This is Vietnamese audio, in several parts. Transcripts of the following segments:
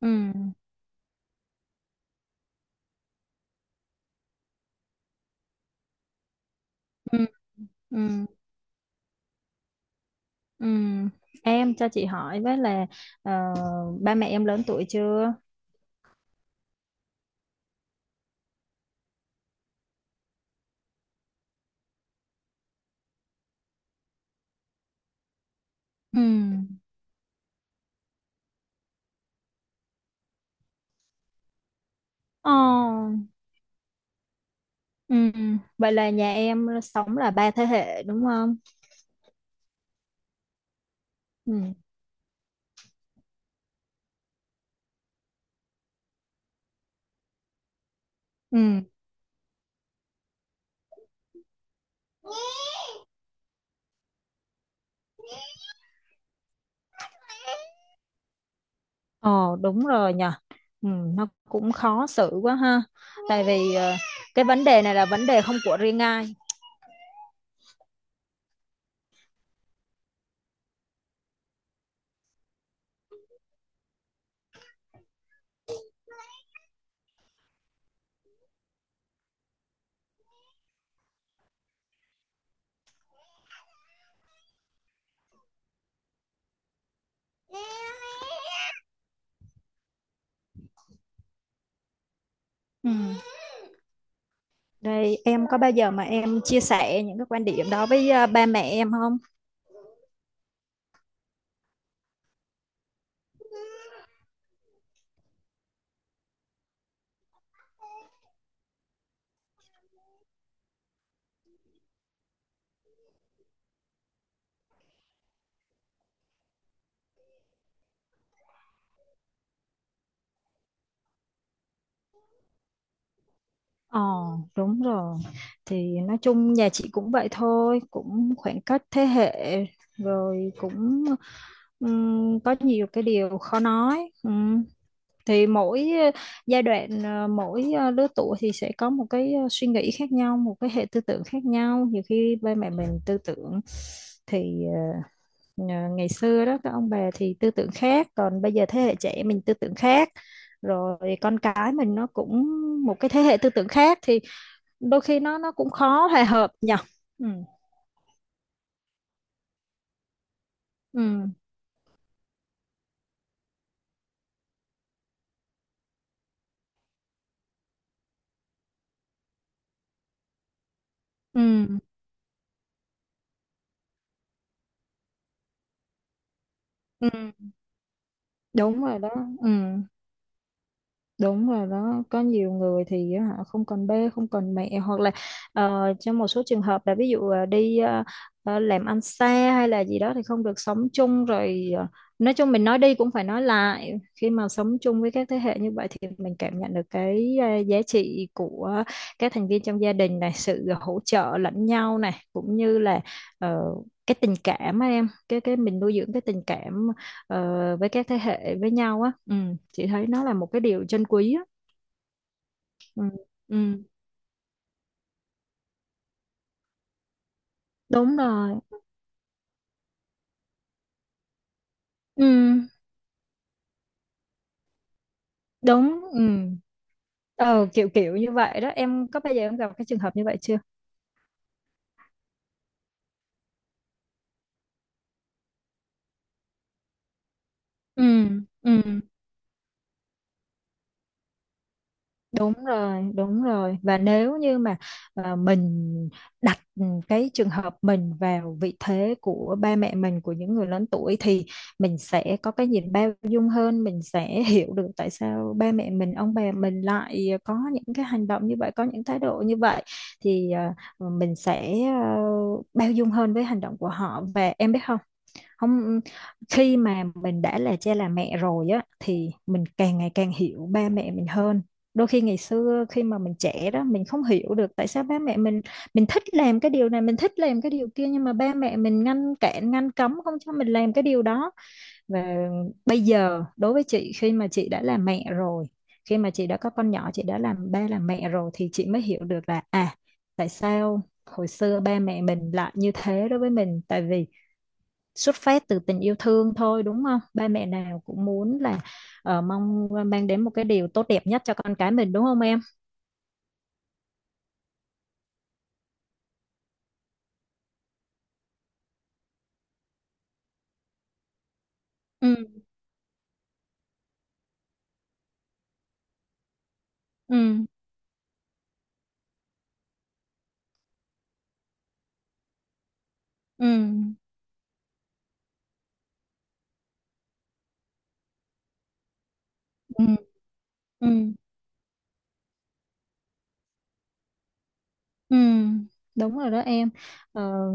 Ừ. Ừ. Ừ. Ừ. Em cho chị hỏi với là ờ, ba mẹ em lớn tuổi chưa? Ừ. Ồ. Ừ. Vậy là nhà em sống là ba thế hệ đúng không? Ừ. Ừ. Ồ, đúng rồi nhờ. Ừ, nó cũng khó xử quá ha. Tại vì cái vấn đề này là vấn đề không của riêng ai. Ừ. Đây em có bao giờ mà em chia sẻ những cái quan điểm đó với ba mẹ em không? Ờ. Đúng rồi. Thì nói chung nhà chị cũng vậy thôi, cũng khoảng cách thế hệ, rồi cũng có nhiều cái điều khó nói. Thì mỗi giai đoạn, mỗi lứa tuổi thì sẽ có một cái suy nghĩ khác nhau, một cái hệ tư tưởng khác nhau. Nhiều khi ba mẹ mình tư tưởng thì ngày xưa đó các ông bà thì tư tưởng khác, còn bây giờ thế hệ trẻ mình tư tưởng khác, rồi con cái mình nó cũng một cái thế hệ tư tưởng khác, thì đôi khi nó cũng khó hòa hợp nhỉ. Ừ. Ừ. Ừ. Ừ. Đúng rồi đó. Ừ. Đúng rồi đó, có nhiều người thì á, họ không còn ba, không còn mẹ, hoặc là trong một số trường hợp là ví dụ đi làm ăn xa, hay là gì đó thì không được sống chung, rồi nói chung mình nói đi cũng phải nói lại. Khi mà sống chung với các thế hệ như vậy thì mình cảm nhận được cái giá trị của các thành viên trong gia đình này, sự hỗ trợ lẫn nhau này, cũng như là ờ, cái tình cảm á em, cái mình nuôi dưỡng cái tình cảm với các thế hệ với nhau á. Ừ, chị thấy nó là một cái điều trân quý á. Ừ. Ừ. Đúng rồi. Ừ. Đúng. Ừ. ờ, kiểu kiểu như vậy đó, em có bao giờ em gặp cái trường hợp như vậy chưa? Ừ. Ừ. Đúng rồi, đúng rồi. Và nếu như mà mình đặt cái trường hợp mình vào vị thế của ba mẹ mình, của những người lớn tuổi, thì mình sẽ có cái nhìn bao dung hơn, mình sẽ hiểu được tại sao ba mẹ mình, ông bà mình lại có những cái hành động như vậy, có những thái độ như vậy, thì mình sẽ bao dung hơn với hành động của họ. Và em biết không? Không. Khi mà mình đã là cha là mẹ rồi á thì mình càng ngày càng hiểu ba mẹ mình hơn. Đôi khi ngày xưa khi mà mình trẻ đó mình không hiểu được tại sao ba mẹ mình thích làm cái điều này, mình thích làm cái điều kia, nhưng mà ba mẹ mình ngăn cản ngăn cấm không cho mình làm cái điều đó. Và bây giờ đối với chị, khi mà chị đã là mẹ rồi, khi mà chị đã có con nhỏ, chị đã làm ba làm mẹ rồi, thì chị mới hiểu được là tại sao hồi xưa ba mẹ mình lại như thế đối với mình, tại vì xuất phát từ tình yêu thương thôi, đúng không? Ba mẹ nào cũng muốn là mong mang đến một cái điều tốt đẹp nhất cho con cái mình, đúng không em? Ừ. Ừ. Ừ. Ừ. Ừ. Ừ. Đúng rồi đó em. Ờ,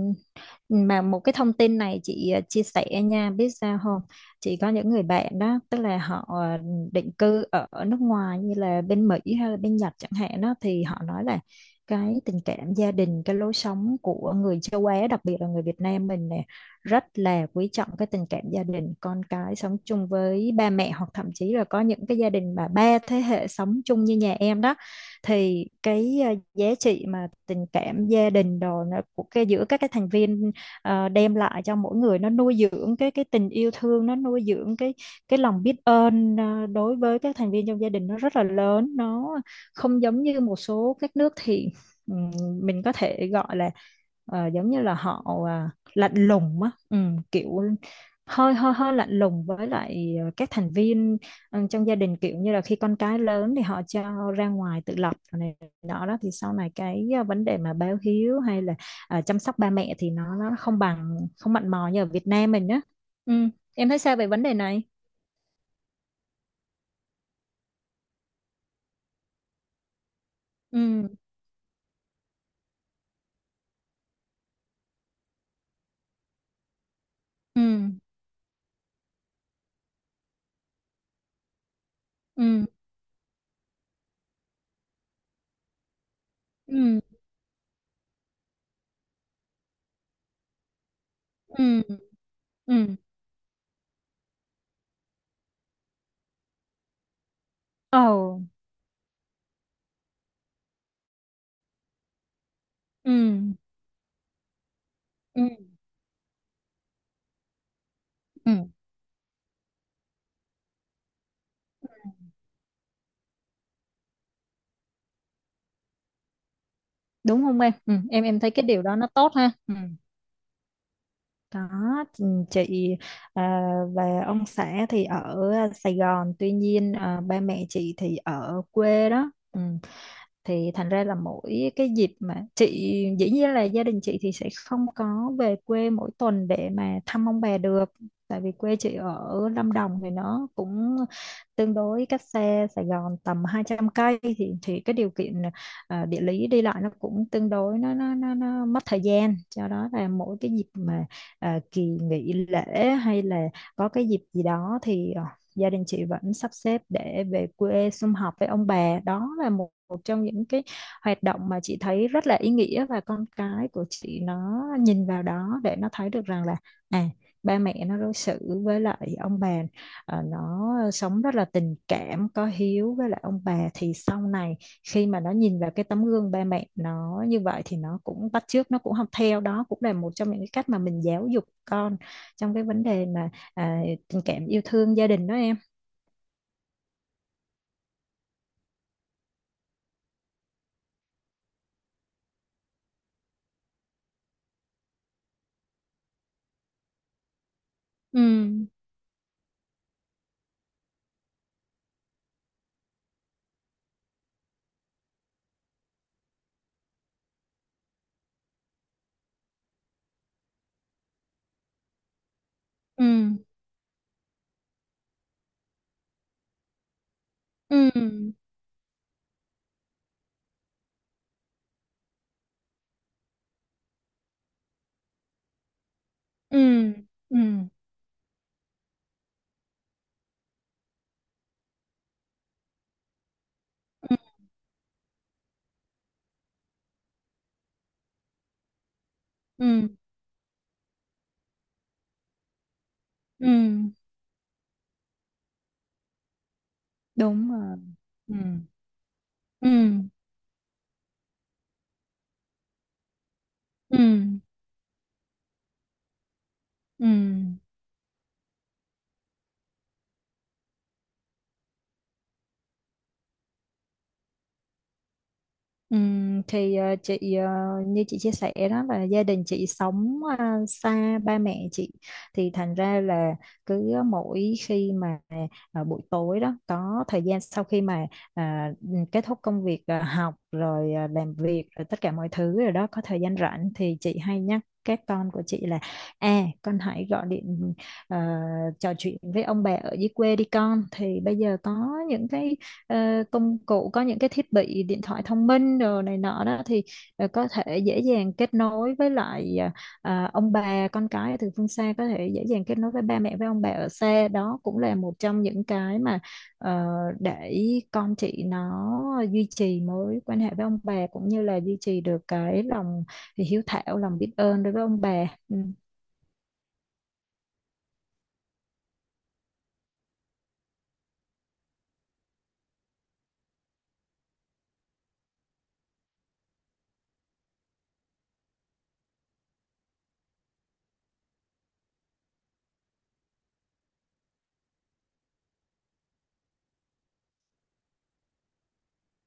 mà một cái thông tin này chị chia sẻ nha, biết sao không? Chị có những người bạn đó, tức là họ định cư ở nước ngoài như là bên Mỹ hay là bên Nhật chẳng hạn đó, thì họ nói là cái tình cảm gia đình, cái lối sống của người châu Á, đặc biệt là người Việt Nam mình nè, rất là quý trọng cái tình cảm gia đình, con cái sống chung với ba mẹ, hoặc thậm chí là có những cái gia đình mà ba thế hệ sống chung như nhà em đó. Thì cái giá trị mà tình cảm gia đình đồ nó của cái giữa các cái thành viên đem lại cho mỗi người, nó nuôi dưỡng cái tình yêu thương, nó nuôi dưỡng cái lòng biết ơn đối với các thành viên trong gia đình, nó rất là lớn, nó không giống như một số các nước, thì ừm, mình có thể gọi là giống như là họ lạnh lùng á. Kiểu hơi hơi hơi lạnh lùng với lại các thành viên, trong gia đình, kiểu như là khi con cái lớn thì họ cho ra ngoài tự lập rồi này nọ đó, thì sau này cái vấn đề mà báo hiếu hay là chăm sóc ba mẹ thì nó không bằng, không mặn mò như ở Việt Nam mình á. Ừ. Em thấy sao về vấn đề này? Ừ. Ừ. Ừ. Ừ. Ừ. Ừ. Ồ. Ừ. Ừ. Ừ. Đúng không em? Ừ. em thấy cái điều đó nó tốt ha. Ừ. Đó, chị chị, à, và ông xã thì ở Sài Gòn, tuy nhiên ba mẹ chị thì ở quê đó. Ừ. Thì thành ra là mỗi cái dịp mà chị, dĩ nhiên là gia đình chị thì sẽ không có về quê mỗi tuần để mà thăm ông bà được, tại vì quê chị ở Lâm Đồng thì nó cũng tương đối cách xe Sài Gòn tầm 200 cây, thì cái điều kiện địa lý đi lại nó cũng tương đối, nó mất thời gian cho đó là mỗi cái dịp mà kỳ nghỉ lễ hay là có cái dịp gì đó thì gia đình chị vẫn sắp xếp để về quê sum họp với ông bà. Đó là một một trong những cái hoạt động mà chị thấy rất là ý nghĩa, và con cái của chị nó nhìn vào đó để nó thấy được rằng là à ba mẹ nó đối xử với lại ông bà. Ờ, nó sống rất là tình cảm, có hiếu với lại ông bà, thì sau này khi mà nó nhìn vào cái tấm gương ba mẹ nó như vậy thì nó cũng bắt chước, nó cũng học theo, đó cũng là một trong những cái cách mà mình giáo dục con trong cái vấn đề mà à, tình cảm yêu thương gia đình, đó em. Ừ. Ừ. Ừ. Ừ. Ừ. Ừ. Ừ. Ừ. Đúng rồi. Ừ. Ừ. Ừ. Ừ. Thì như chị chia sẻ đó là gia đình chị sống xa ba mẹ chị, thì thành ra là cứ mỗi khi mà buổi tối đó có thời gian, sau khi mà à, kết thúc công việc, học rồi, làm việc rồi, tất cả mọi thứ rồi đó, có thời gian rảnh thì chị hay nhắc các con của chị là con hãy gọi điện, ờ, trò chuyện với ông bà ở dưới quê đi con. Thì bây giờ có những cái công cụ, có những cái thiết bị điện thoại thông minh rồi này nọ đó, thì có thể dễ dàng kết nối với lại ông bà con cái từ phương xa, có thể dễ dàng kết nối với ba mẹ, với ông bà ở xa. Đó cũng là một trong những cái mà ờ, để con chị nó duy trì mối quan hệ với ông bà, cũng như là duy trì được cái lòng hiếu thảo, lòng biết ơn đối với ông bà. Ừ.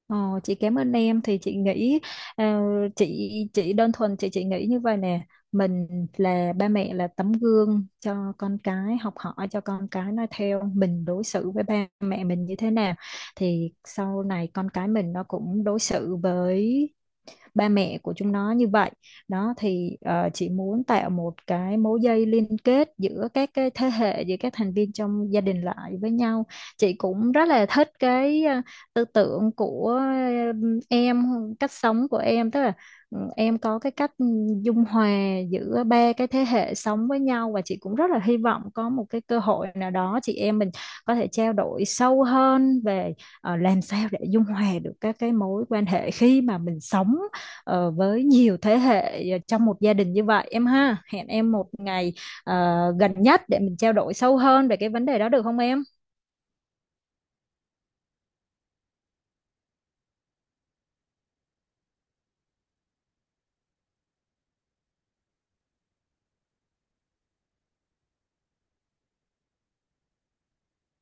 Ờ, chị cảm ơn em. Thì chị nghĩ, ờ, chị đơn thuần chị nghĩ như vậy nè. Mình là ba mẹ, là tấm gương cho con cái học hỏi, cho con cái noi theo. Mình đối xử với ba mẹ mình như thế nào thì sau này con cái mình nó cũng đối xử với ba mẹ của chúng nó như vậy. Đó thì chị muốn tạo một cái mối dây liên kết giữa các cái thế hệ, giữa các thành viên trong gia đình lại với nhau. Chị cũng rất là thích cái tư tưởng của, em cách sống của em, tức là em có cái cách dung hòa giữa ba cái thế hệ sống với nhau. Và chị cũng rất là hy vọng có một cái cơ hội nào đó chị em mình có thể trao đổi sâu hơn về làm sao để dung hòa được các cái mối quan hệ khi mà mình sống với nhiều thế hệ trong một gia đình như vậy, em ha. Hẹn em một ngày ờ, gần nhất để mình trao đổi sâu hơn về cái vấn đề đó, được không em?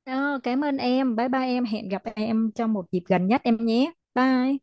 Ờ, cảm ơn em. Bye bye em. Hẹn gặp em trong một dịp gần nhất em nhé. Bye.